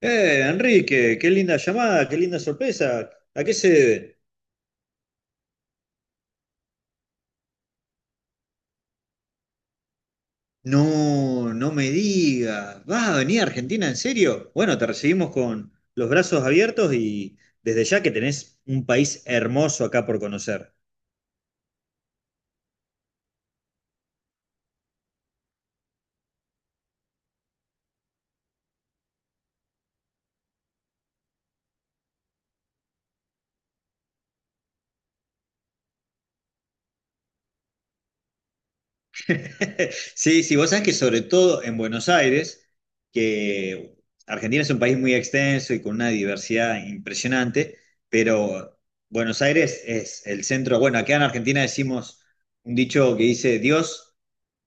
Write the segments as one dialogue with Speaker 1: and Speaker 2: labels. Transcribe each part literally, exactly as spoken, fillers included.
Speaker 1: Eh, Enrique, qué linda llamada, qué linda sorpresa. ¿A qué se debe? No, no me digas. ¿Vas a venir a Argentina en serio? Bueno, te recibimos con los brazos abiertos y desde ya que tenés un país hermoso acá por conocer. Sí, sí, vos sabés que sobre todo en Buenos Aires, que Argentina es un país muy extenso y con una diversidad impresionante, pero Buenos Aires es el centro, bueno, acá en Argentina decimos un dicho que dice Dios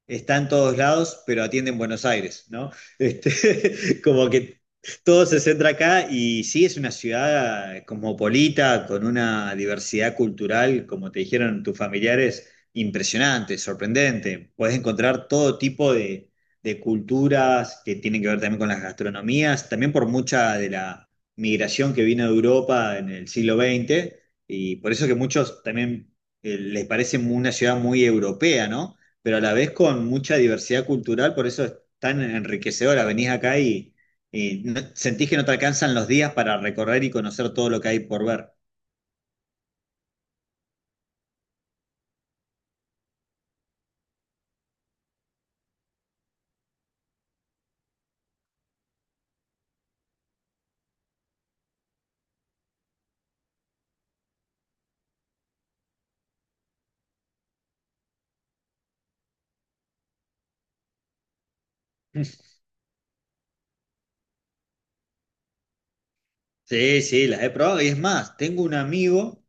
Speaker 1: está en todos lados, pero atiende en Buenos Aires, ¿no? Este, como que todo se centra acá y sí es una ciudad cosmopolita, con una diversidad cultural, como te dijeron tus familiares, impresionante, sorprendente. Puedes encontrar todo tipo de, de culturas que tienen que ver también con las gastronomías, también por mucha de la migración que vino de Europa en el siglo veinte, y por eso que muchos también eh, les parece una ciudad muy europea, ¿no? Pero a la vez con mucha diversidad cultural, por eso es tan enriquecedora. Venís acá y, y no- sentís que no te alcanzan los días para recorrer y conocer todo lo que hay por ver. Sí, sí, las he probado. Y es más, tengo un amigo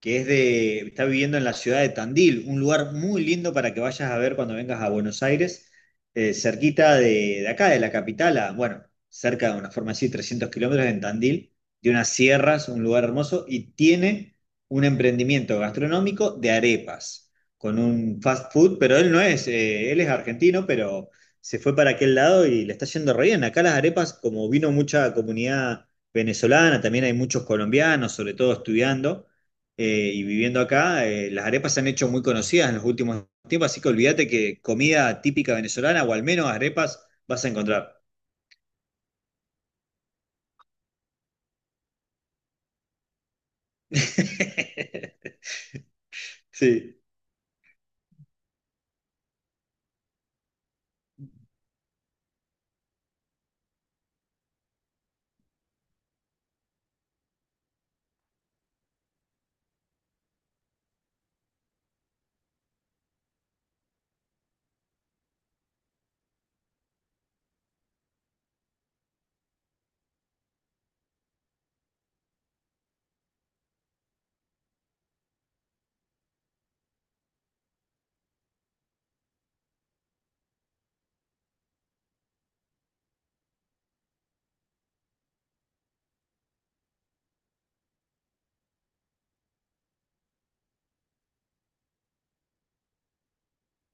Speaker 1: que es de, está viviendo en la ciudad de Tandil, un lugar muy lindo para que vayas a ver cuando vengas a Buenos Aires, eh, cerquita de, de acá, de la capital, a, bueno, cerca de una forma así, trescientos kilómetros en Tandil, de unas sierras, un lugar hermoso, y tiene un emprendimiento gastronómico de arepas, con un fast food, pero él no es, eh, él es argentino, pero se fue para aquel lado y le está yendo re bien. Acá las arepas, como vino mucha comunidad venezolana, también hay muchos colombianos, sobre todo estudiando eh, y viviendo acá, eh, las arepas se han hecho muy conocidas en los últimos tiempos, así que olvídate que comida típica venezolana o al menos arepas vas a encontrar. Sí.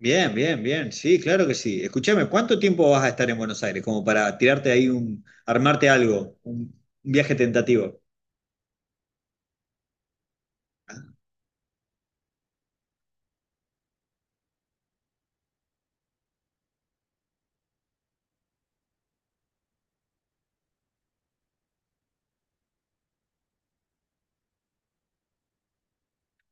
Speaker 1: Bien, bien, bien. Sí, claro que sí. Escúchame, ¿cuánto tiempo vas a estar en Buenos Aires? Como para tirarte ahí un, armarte algo, un un viaje tentativo.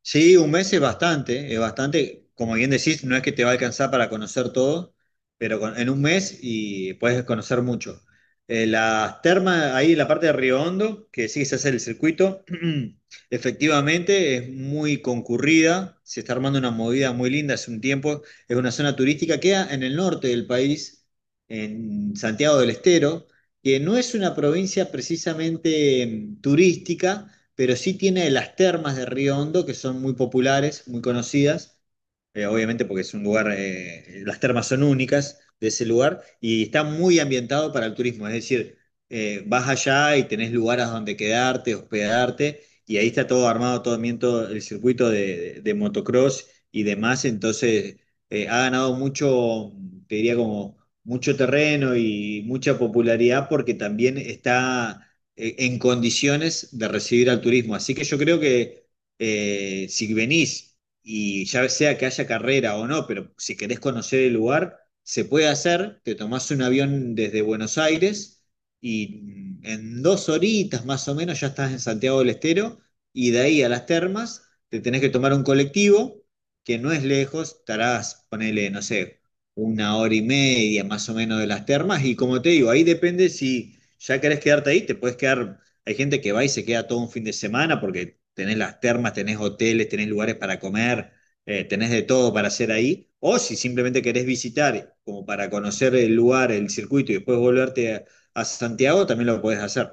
Speaker 1: Sí, un mes es bastante, es bastante, como bien decís, no es que te va a alcanzar para conocer todo, pero con- en un mes y puedes conocer mucho. Eh, las termas, ahí en la parte de Río Hondo, que sí se hace el circuito, efectivamente es muy concurrida, se está armando una movida muy linda hace un tiempo, es una zona turística, queda en el norte del país, en Santiago del Estero, que no es una provincia precisamente mm, turística, pero sí tiene las termas de Río Hondo, que son muy populares, muy conocidas, eh, obviamente porque es un lugar, eh, las termas son únicas de ese lugar, y está muy ambientado para el turismo, es decir, eh, vas allá y tenés lugares donde quedarte, hospedarte, y ahí está todo armado, todo bien, todo el circuito de, de, de motocross y demás, entonces eh, ha ganado mucho, te diría como mucho terreno y mucha popularidad porque también está eh, en condiciones de recibir al turismo. Así que yo creo que eh, si venís y ya sea que haya carrera o no, pero si querés conocer el lugar, se puede hacer, te tomás un avión desde Buenos Aires y en dos horitas más o menos ya estás en Santiago del Estero y de ahí a las termas te tenés que tomar un colectivo que no es lejos, estarás, ponele, no sé, una hora y media más o menos de las termas y como te digo, ahí depende si ya querés quedarte ahí, te puedes quedar. Hay gente que va y se queda todo un fin de semana porque tenés las termas, tenés hoteles, tenés lugares para comer, eh, tenés de todo para hacer ahí. O si simplemente querés visitar, como para conocer el lugar, el circuito y después volverte a, a Santiago, también lo podés hacer.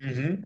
Speaker 1: Ujú.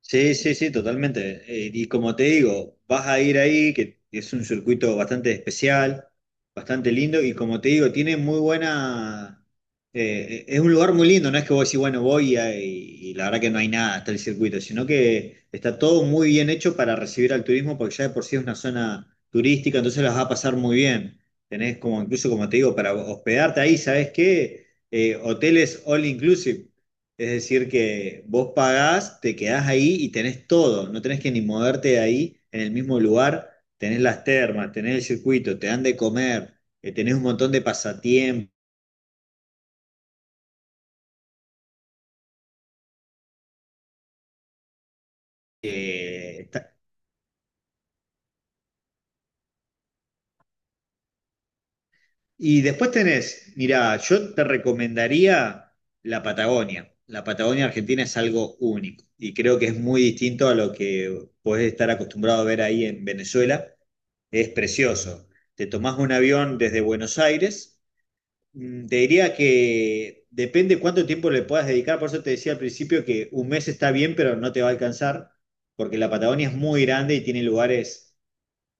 Speaker 1: Sí, sí, sí, totalmente. Eh, y como te digo, vas a ir ahí, que es un circuito bastante especial, bastante lindo, y como te digo, tiene muy buena... eh, Es un lugar muy lindo, no es que vos decís, bueno, voy y, y la verdad que no hay nada, está el circuito, sino que está todo muy bien hecho para recibir al turismo, porque ya de por sí es una zona turística, entonces las va a pasar muy bien. Tenés como, incluso como te digo, para hospedarte ahí, ¿sabés qué? Eh, hoteles all inclusive. Es decir, que vos pagás, te quedás ahí y tenés todo, no tenés que ni moverte de ahí en el mismo lugar, tenés las termas, tenés el circuito, te dan de comer, eh, tenés un montón de pasatiempos. eh, está- Y después tenés, mirá, yo te recomendaría la Patagonia. La Patagonia Argentina es algo único y creo que es muy distinto a lo que podés estar acostumbrado a ver ahí en Venezuela. Es precioso. Te tomás un avión desde Buenos Aires. Mm, Te diría que depende cuánto tiempo le puedas dedicar, por eso te decía al principio que un mes está bien, pero no te va a alcanzar, porque la Patagonia es muy grande y tiene lugares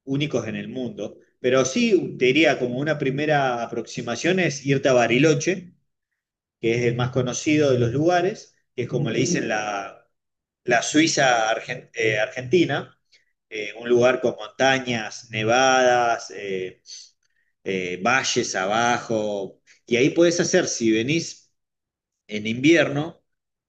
Speaker 1: únicos en el mundo. Pero sí, te diría como una primera aproximación es irte a Bariloche, que es el más conocido de los lugares, que es como le dicen la, la Suiza argen- eh, argentina, eh, un lugar con montañas, nevadas, eh, eh, valles abajo. Y ahí podés hacer, si venís en invierno,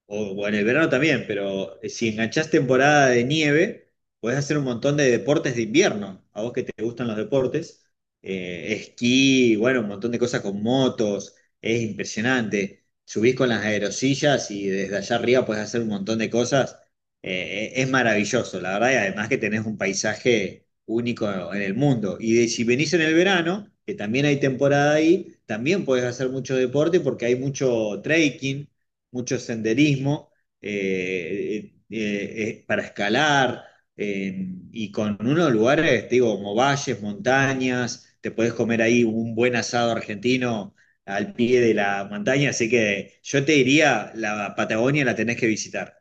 Speaker 1: o, o en el verano también, pero eh, si enganchás temporada de nieve, podés hacer un montón de deportes de invierno. A vos que te gustan los deportes, eh, esquí, bueno, un montón de cosas con motos, es impresionante. Subís con las aerosillas y desde allá arriba podés hacer un montón de cosas. Eh, es maravilloso, la verdad, y además que tenés un paisaje único en el mundo. Y de- si venís en el verano, que también hay temporada ahí, también podés hacer mucho deporte porque hay mucho trekking, mucho senderismo, eh, eh, eh, para escalar, eh, y con unos lugares, te digo, como valles, montañas, te podés comer ahí un buen asado argentino al pie de la montaña, así que yo te diría, la Patagonia la tenés que visitar.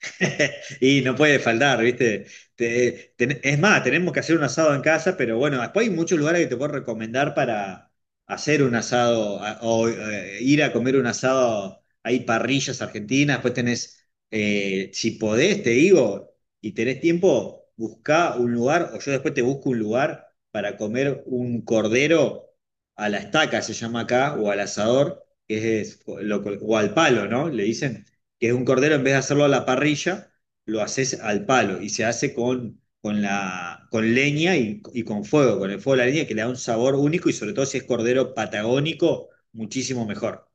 Speaker 1: Y no puede faltar, ¿viste? Te- ten- es más, tenemos que hacer un asado en casa, pero bueno, después hay muchos lugares que te puedo recomendar para hacer un asado a- o eh, ir a comer un asado. Hay parrillas argentinas, después tenés, eh, si podés, te digo, y tenés tiempo, buscá un lugar, o yo después te busco un lugar para comer un cordero a la estaca, se llama acá, o al asador, que es, lo- o al palo, ¿no? Le dicen que es un cordero, en vez de hacerlo a la parrilla, lo haces al palo y se hace con, con, la, con leña y, y con fuego, con el fuego de la leña, que le da un sabor único y sobre todo si es cordero patagónico, muchísimo mejor.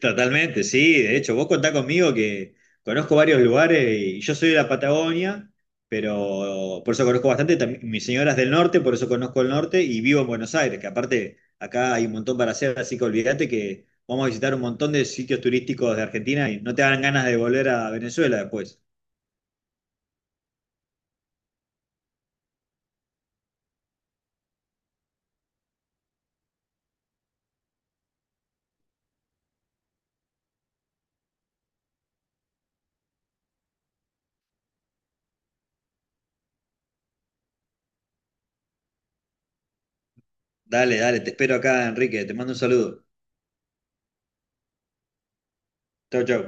Speaker 1: Totalmente, sí. De hecho, vos contá conmigo que conozco varios lugares y yo soy de la Patagonia, pero por eso conozco bastante. Tam- Mi señora es del norte, por eso conozco el norte y vivo en Buenos Aires, que aparte acá hay un montón para hacer, así que olvídate que vamos a visitar un montón de sitios turísticos de Argentina y no te dan ganas de volver a Venezuela después. Dale, dale, te espero acá, Enrique. Te mando un saludo. Chau, chau.